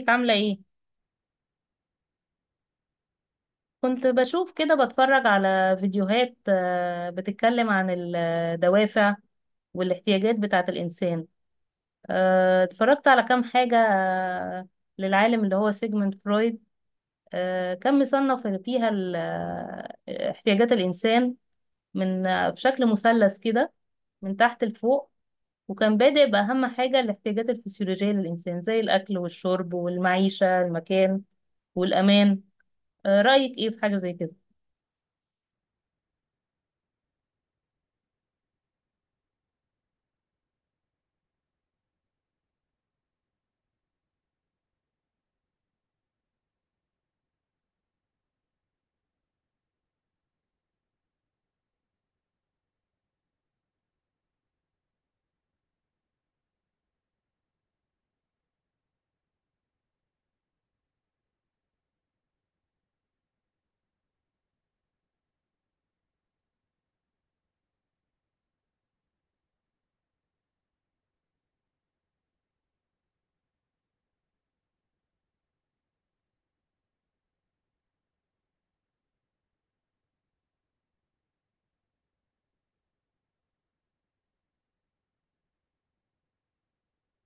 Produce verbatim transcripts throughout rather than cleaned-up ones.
ازيك عاملة ايه؟ كنت بشوف كده بتفرج على فيديوهات آه، بتتكلم عن الدوافع والاحتياجات بتاعة الإنسان. آه، اتفرجت على كام حاجة آه، للعالم اللي هو سيجموند فرويد. آه، كان مصنف فيها ال- آه، احتياجات الإنسان من، آه، بشكل مثلث كده من تحت لفوق، وكان بادئ بأهم حاجة الاحتياجات الفسيولوجية للإنسان زي الأكل والشرب والمعيشة المكان والأمان. آه، رأيك ايه في حاجة زي كده؟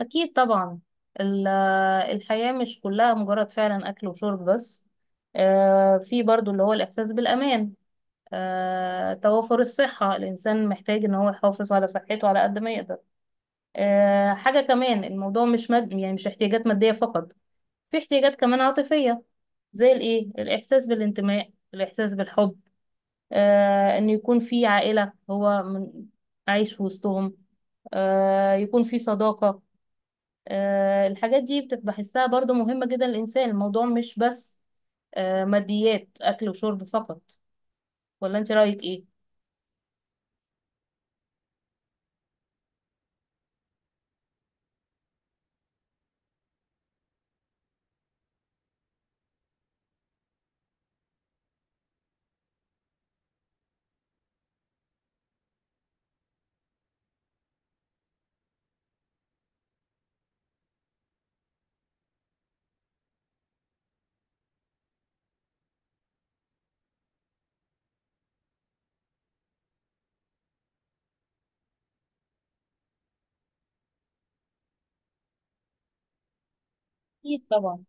أكيد طبعا. ال- الحياة مش كلها مجرد فعلا أكل وشرب بس. آه، في برضو اللي هو الإحساس بالأمان، آه، توافر الصحة، الإنسان محتاج إن هو يحافظ على صحته على قد ما يقدر. آه، حاجة كمان، الموضوع مش مد... يعني مش احتياجات مادية فقط، في احتياجات كمان عاطفية زي الإيه، الإحساس بالانتماء، الإحساس بالحب. آه، إنه يكون في عائلة هو من... عايش في وسطهم، آه، يكون في صداقة. آه، الحاجات دي بتبقى بحسها برضو مهمة جدا للإنسان، الموضوع مش بس آه، ماديات أكل وشرب فقط. ولا أنت رأيك إيه؟ أكيد طبعا.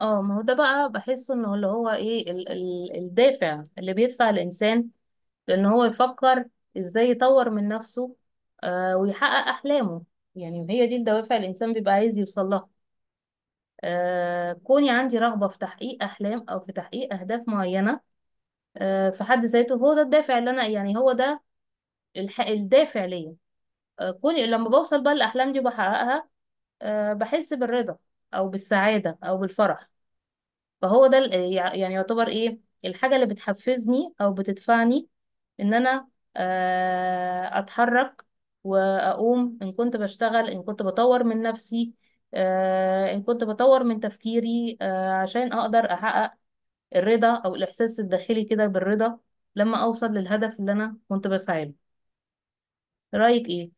اه ما هو ده بقى بحسه انه اللي هو ايه ال ال الدافع اللي بيدفع الانسان لان هو يفكر ازاي يطور من نفسه، آه ويحقق احلامه. يعني هي دي الدوافع اللي الانسان بيبقى عايز يوصل لها. آه كوني عندي رغبة في تحقيق احلام او في تحقيق اهداف معينة، آه في حد ذاته هو ده الدافع اللي انا، يعني هو ده الح- الدافع ليا. آه، كوني لما بوصل بقى الأحلام دي وبحققها، آه، بحس بالرضا أو بالسعادة أو بالفرح. فهو ده ال- يع- يعني يعتبر إيه الحاجة اللي بتحفزني أو بتدفعني إن أنا آه، أتحرك وأقوم، إن كنت بشتغل، إن كنت بطور من نفسي، آه، إن كنت بطور من تفكيري، آه، عشان أقدر أحقق الرضا أو الإحساس الداخلي كده بالرضا لما أوصل للهدف اللي أنا كنت بسعى له. رأيك إيه؟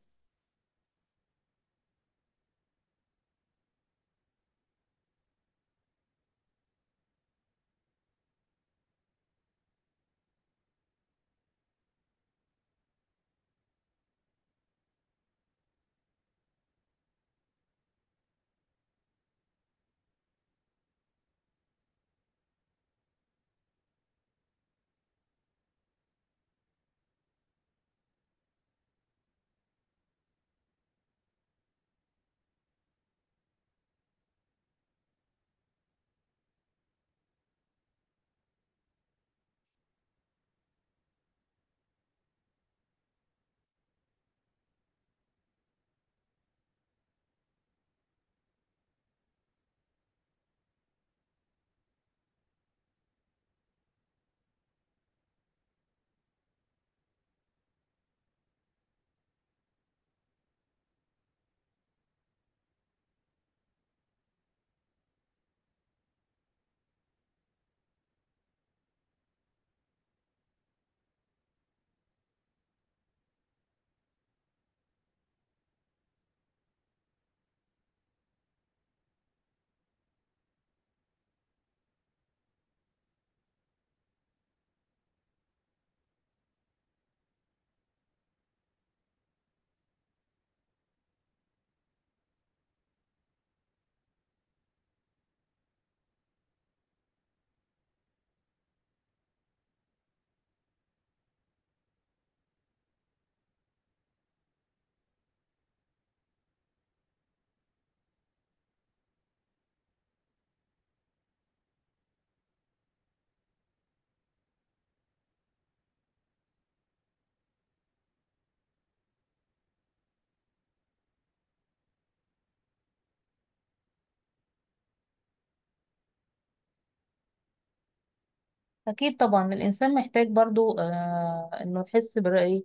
أكيد طبعا. الإنسان محتاج برضو آه إنه يحس برأيه،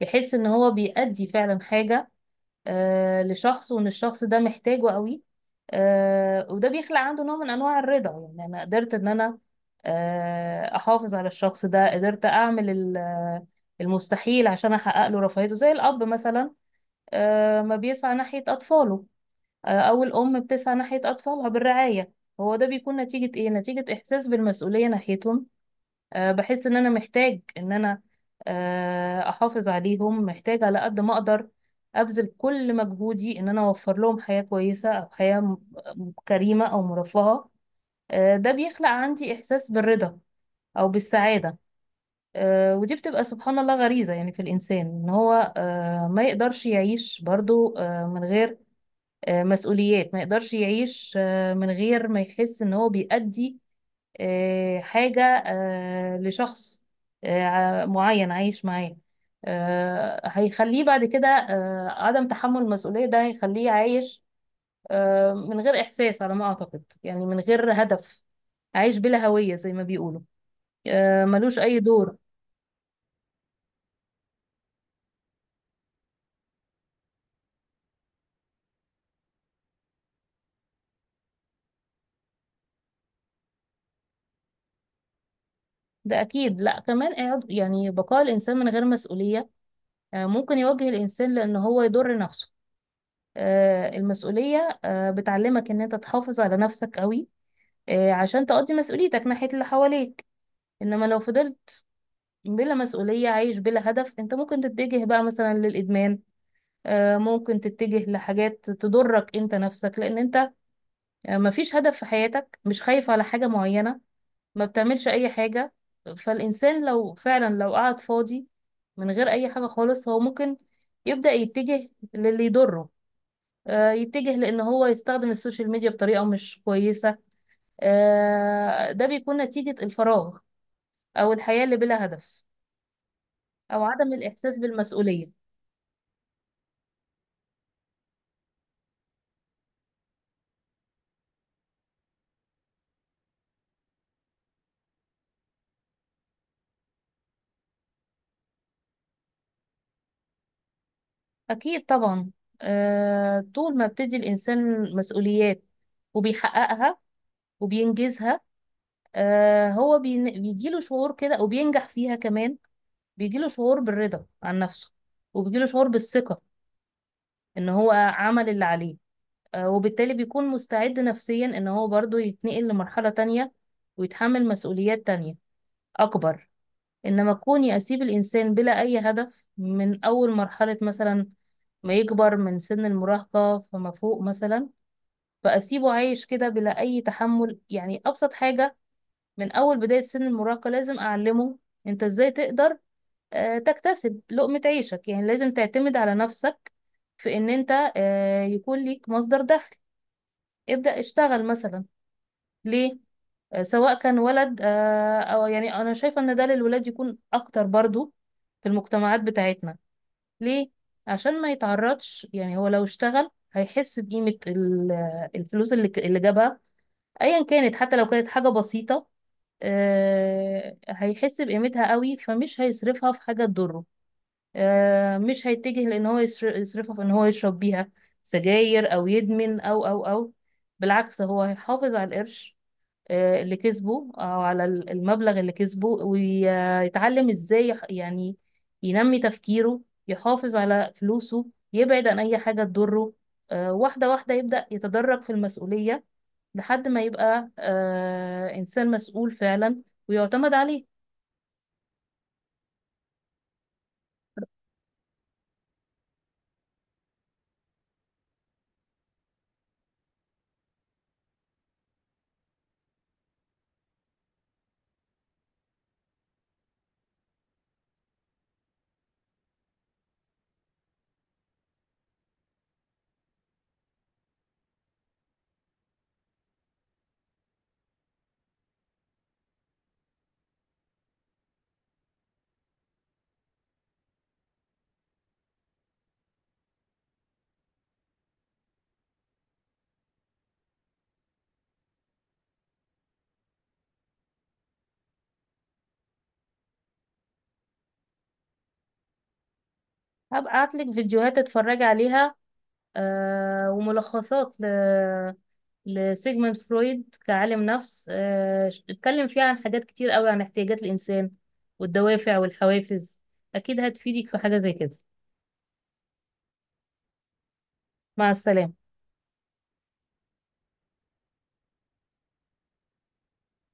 يحس إن هو بيأدي فعلا حاجة آه لشخص، وإن الشخص ده محتاجه قوي. آه وده بيخلق عنده نوع من أنواع الرضا. يعني أنا قدرت إن أنا آه أحافظ على الشخص ده، قدرت أعمل ال- آه، المستحيل عشان أحقق له رفاهيته، زي الأب مثلا آه ما بيسعى ناحية أطفاله، آه أو الأم بتسعى ناحية أطفالها بالرعاية. هو ده بيكون نتيجة إيه؟ نتيجة إحساس بالمسؤولية ناحيتهم. آه، بحس ان انا محتاج ان انا آه، احافظ عليهم، محتاج على قد ما اقدر ابذل كل مجهودي ان انا اوفر لهم حياة كويسة، او حياة م- م- كريمة او مرفهة. آه، ده بيخلق عندي احساس بالرضا او بالسعادة. آه، ودي بتبقى سبحان الله غريزة يعني في الانسان، ان هو آه، ما يقدرش يعيش برضو آه، من غير آه، مسؤوليات، ما يقدرش يعيش آه، من غير ما يحس ان هو بيأدي آه، حاجة آه، لشخص آه، معين عايش معاه. آه، هيخليه بعد كده، آه، عدم تحمل المسؤولية ده هيخليه عايش آه، من غير إحساس، على ما أعتقد يعني، من غير هدف، عايش بلا هوية زي ما بيقولوا، آه، ملوش أي دور. ده أكيد. لأ كمان، إعاد- يعني بقاء الإنسان من غير مسؤولية آه، ممكن يواجه الإنسان لأن هو يضر نفسه. آه، المسؤولية آه، بتعلمك إن أنت تحافظ على نفسك قوي آه، عشان تقضي مسؤوليتك ناحية اللي حواليك. انما لو فضلت بلا مسؤولية، عايش بلا هدف، انت ممكن تتجه بقى مثلا للإدمان. آه، ممكن تتجه لحاجات تضرك انت نفسك، لان انت آه، مفيش هدف في حياتك، مش خايف على حاجة معينة، ما بتعملش اي حاجة. فالإنسان لو فعلا لو قعد فاضي من غير اي حاجة خالص، هو ممكن يبدأ يتجه للي يضره. آه، يتجه لان هو يستخدم السوشيال ميديا بطريقة مش كويسة. آه، ده بيكون نتيجة الفراغ او الحياة اللي بلا هدف أو عدم الإحساس بالمسؤولية. أكيد طبعا. آه، طول ما بتدي الإنسان مسؤوليات وبيحققها وبينجزها آه، هو بين- بيجيله شعور كده، وبينجح فيها كمان، بيجيله شعور بالرضا عن نفسه، وبيجيله شعور بالثقة إن هو عمل اللي عليه. آه، وبالتالي بيكون مستعد نفسيا إن هو برضه يتنقل لمرحلة تانية ويتحمل مسؤوليات تانية أكبر. إنما كوني أسيب الإنسان بلا أي هدف من أول مرحلة، مثلا ما يكبر من سن المراهقة فما فوق مثلا، فأسيبه عايش كده بلا أي تحمل، يعني أبسط حاجة من أول بداية سن المراهقة لازم أعلمه أنت إزاي تقدر آه، تكتسب لقمة عيشك، يعني لازم تعتمد على نفسك في إن أنت آه، يكون ليك مصدر دخل، ابدأ اشتغل مثلا. ليه؟ آه، سواء كان ولد آه، أو يعني أنا شايفة إن ده للولاد يكون أكتر برضو في المجتمعات بتاعتنا. ليه؟ عشان ما يتعرضش، يعني هو لو اشتغل هيحس بقيمة ال- الفلوس اللي ك- اللي جابها ايا كانت، حتى لو كانت حاجة بسيطة آه، هيحس بقيمتها قوي، فمش هيصرفها في حاجة تضره. آه، مش هيتجه لان هو يصر- يصرفها في ان هو يشرب بيها سجاير او يدمن او او او بالعكس، هو هيحافظ على القرش آه، اللي كسبه، او على ال- المبلغ اللي كسبه، ويتعلم ازاي يح- يعني ينمي تفكيره، يحافظ على فلوسه، يبعد عن اي حاجة تضره. آه، واحدة واحدة يبدأ يتدرج في المسؤولية لحد ما يبقى آه، انسان مسؤول فعلا ويعتمد عليه. هبقى ابعتلك فيديوهات تتفرجي عليها آه، وملخصات ل... لسيجموند فرويد كعالم نفس، آه، ش- اتكلم فيها عن حاجات كتير قوي عن احتياجات الإنسان والدوافع والحوافز. أكيد هتفيدك في حاجة زي كده. مع السلامة.